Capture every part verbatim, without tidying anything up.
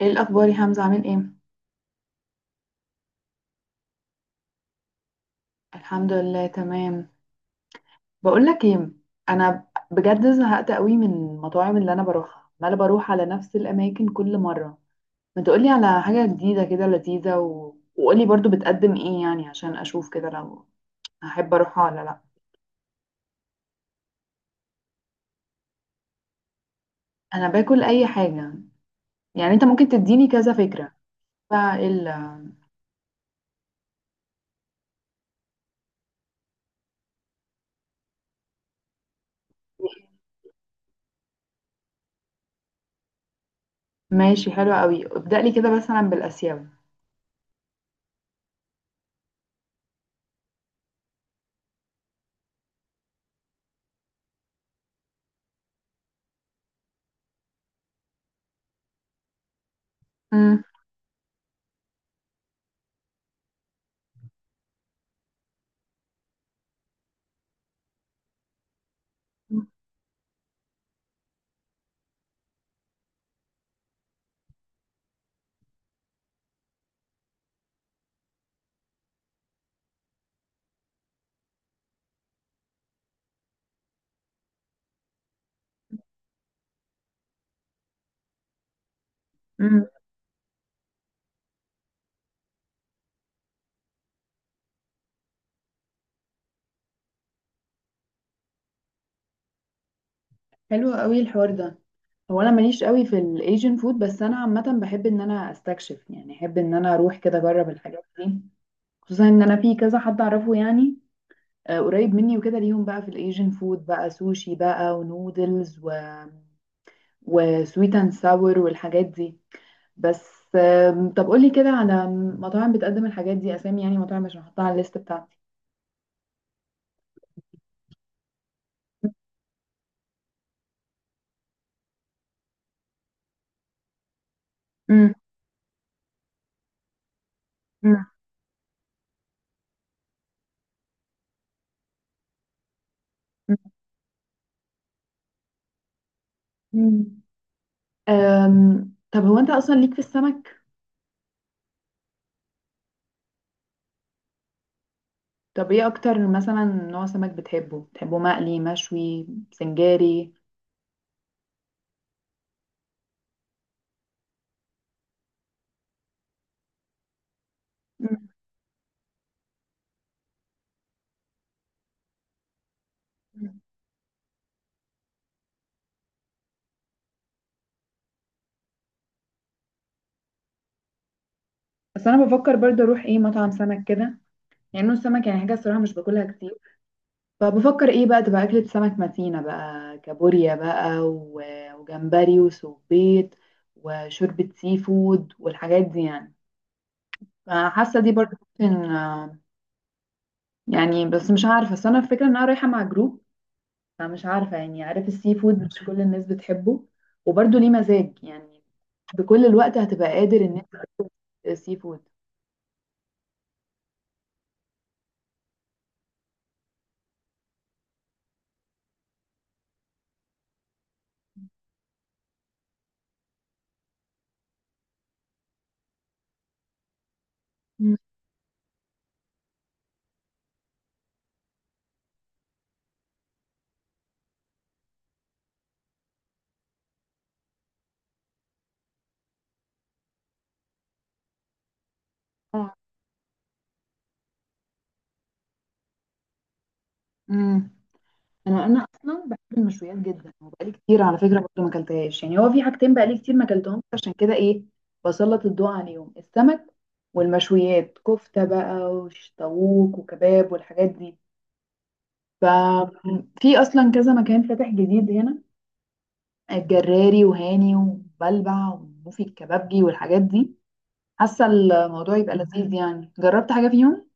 ايه الاخبار يا حمزه، عامل ايه؟ الحمد لله، تمام. بقول لك ايه. انا بجد زهقت قوي من المطاعم اللي انا بروحها، عماله بروح على نفس الاماكن كل مره. ما تقولي على حاجه جديده كده لذيذه، و... وقولي برضو بتقدم ايه يعني عشان اشوف كده لو هحب اروحها ولا لا. انا باكل اي حاجه، يعني انت ممكن تديني كذا فكره. فايه ال- ماشي حلو قوي، ابدأ لي كده مثلا بالاسيوي. امم. امم. حلو قوي الحوار ده. هو انا ماليش قوي في الايجن فود، بس انا عامه بحب ان انا استكشف، يعني احب ان انا اروح كده اجرب الحاجات دي. خصوصا ان انا في كذا حد اعرفه يعني آه، قريب مني وكده، ليهم بقى في الايجن فود بقى سوشي بقى، ونودلز و وسويت اند ساور والحاجات دي. بس. آم، طب قولي كده على مطاعم بتقدم الحاجات دي، اسامي يعني، مطاعم عشان احطها على الليست بتاعتي. مم. مم. مم. أم، طب هو انت اصلا ليك في السمك؟ طب ايه اكتر مثلا نوع سمك بتحبه بتحبه مقلي مشوي سنجاري؟ مم. بس انا بفكر برضه اروح ايه مطعم سمك كده، يعني نوع السمك، يعني حاجه الصراحه مش باكلها كتير، فبفكر ايه بقى تبقى اكلة سمك متينة بقى، كابوريا بقى و- وجمبري وسبيط وشوربة سي فود والحاجات دي يعني. فحاسة دي برضه ممكن، آه، يعني، بس مش عارفة، بس انا الفكرة ان انا رايحة مع جروب، فمش عارفة يعني، عارف السي فود مش كل الناس بتحبه، وبرضه ليه مزاج يعني، بكل الوقت هتبقى قادر ان انت تاكل سي فود؟ مم. آه. مم. انا انا اصلا بحب المشويات جدا، وبقالي كتير على فكره برضه ما اكلتهاش، يعني هو في حاجتين بقالي كتير ما اكلتهمش، عشان كده ايه بسلط الضوء عليهم، السمك والمشويات، كفته بقى وشطاووك وكباب والحاجات دي. ففي اصلا كذا مكان فاتح جديد هنا، الجراري وهاني وبلبع، وفي الكبابجي والحاجات دي. حاسه الموضوع يبقى لذيذ يعني، جربت حاجه فيهم؟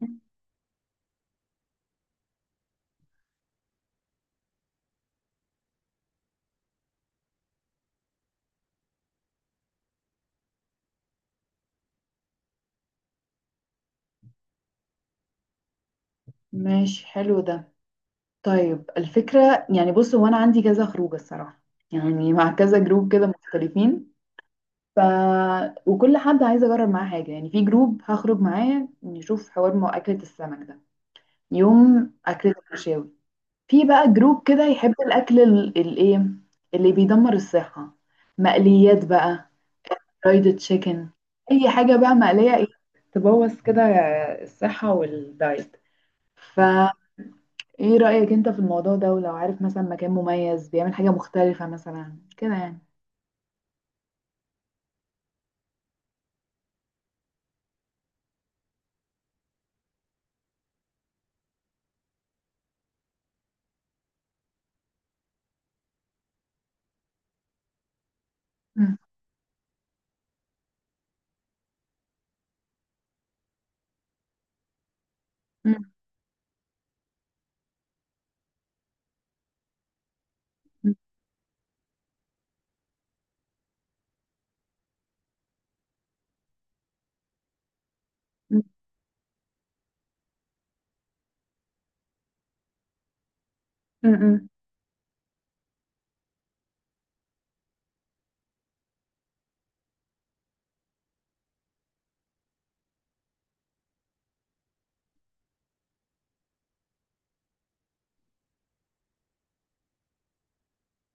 مم. ماشي، حلو ده. طيب الفكرة يعني، بص هو أنا عندي كذا خروجة الصراحة، يعني مع كذا جروب كده مختلفين، ف وكل حد عايز أجرب معاه حاجة، يعني في جروب هخرج معاه نشوف حوار مع أكلة السمك ده، يوم أكلة المشاوي. في بقى جروب كده يحب الأكل ال- الإيه، اللي بيدمر الصحة، مقليات بقى، فرايد تشيكن، أي حاجة بقى مقلية، إيه تبوظ كده الصحة والدايت. ف ايه رأيك انت في الموضوع ده؟ ولو عارف مثلا مكان مميز بيعمل حاجة مختلفة مثلا كده يعني. مم. مم. مم. مم. مم.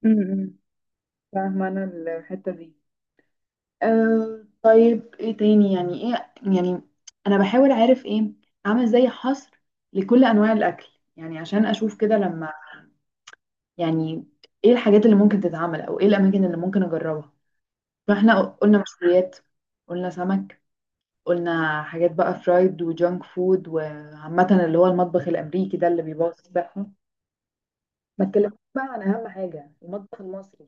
مم. فاهمة انا الحتة دي. أه طيب، ايه تاني يعني، ايه يعني انا بحاول اعرف، ايه اعمل زي حصر لكل انواع الاكل، يعني عشان اشوف كده لما يعني ايه الحاجات اللي ممكن تتعمل، او ايه الاماكن اللي ممكن اجربها. فاحنا قلنا مشويات، قلنا سمك، قلنا حاجات بقى فرايد وجانك فود، وعامة اللي هو المطبخ الأمريكي ده اللي بيبوظ الصحة. ما اتكلمتش بقى عن اهم حاجه، المطبخ المصري.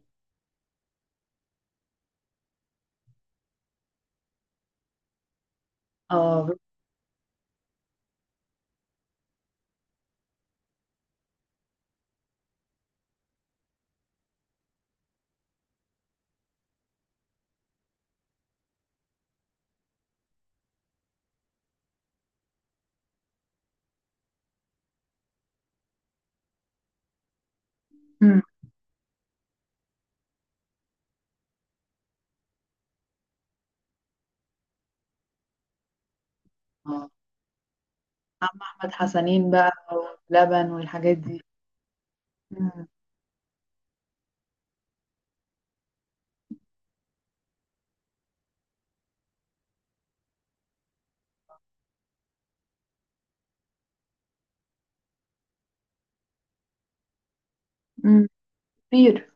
اه. مم. اه. عم أحمد حسنين بقى، واللبن والحاجات دي. مم. مم. كتير.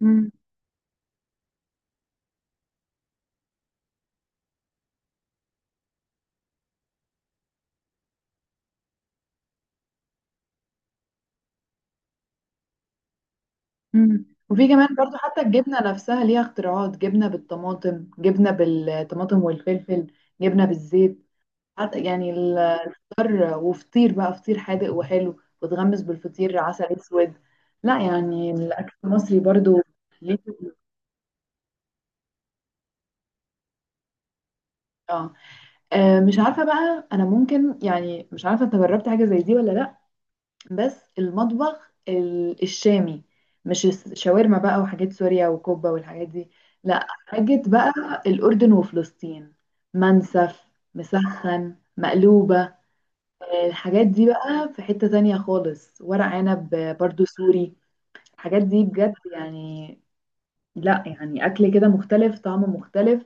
مم. مم. وفي كمان برضو حتى الجبنة نفسها ليها اختراعات، جبنة بالطماطم، جبنة بالطماطم والفلفل، جبنة بالزيت حتى يعني، فطار، وفطير بقى فطير حادق وحلو، وتغمس بالفطير عسل اسود. لا يعني الاكل المصري برضو، ليه. اه. آه، مش عارفه بقى انا، ممكن يعني، مش عارفه انت جربت حاجه زي دي ولا لا، بس المطبخ ال- الشامي، مش الشاورما بقى وحاجات سوريا وكوبا والحاجات دي، لا حاجه بقى، الاردن وفلسطين، منسف، مسخن، مقلوبه، آه، الحاجات دي بقى في حتة تانية خالص، ورق عنب برضو سوري، الحاجات دي بجد يعني، لا يعني اكل كده مختلف، طعم مختلف،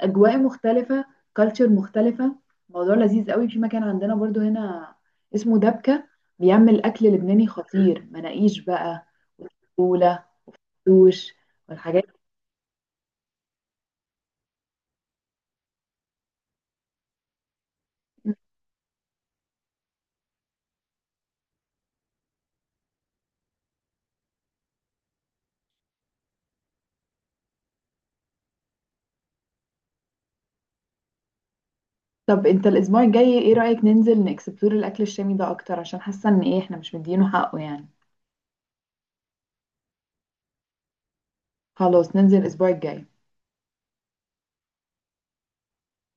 اجواء مختلفه، كالتشر مختلفه، موضوع لذيذ قوي. في مكان عندنا برضو هنا اسمه دبكه، بيعمل اكل لبناني خطير، مناقيش بقى، وفوله، دوش، والحاجات دي. طب انت الاسبوع الجاي ايه رايك ننزل نكسبلور الاكل الشامي ده اكتر، عشان حاسه ان ايه احنا مش مدينه حقه يعني. خلاص ننزل الاسبوع الجاي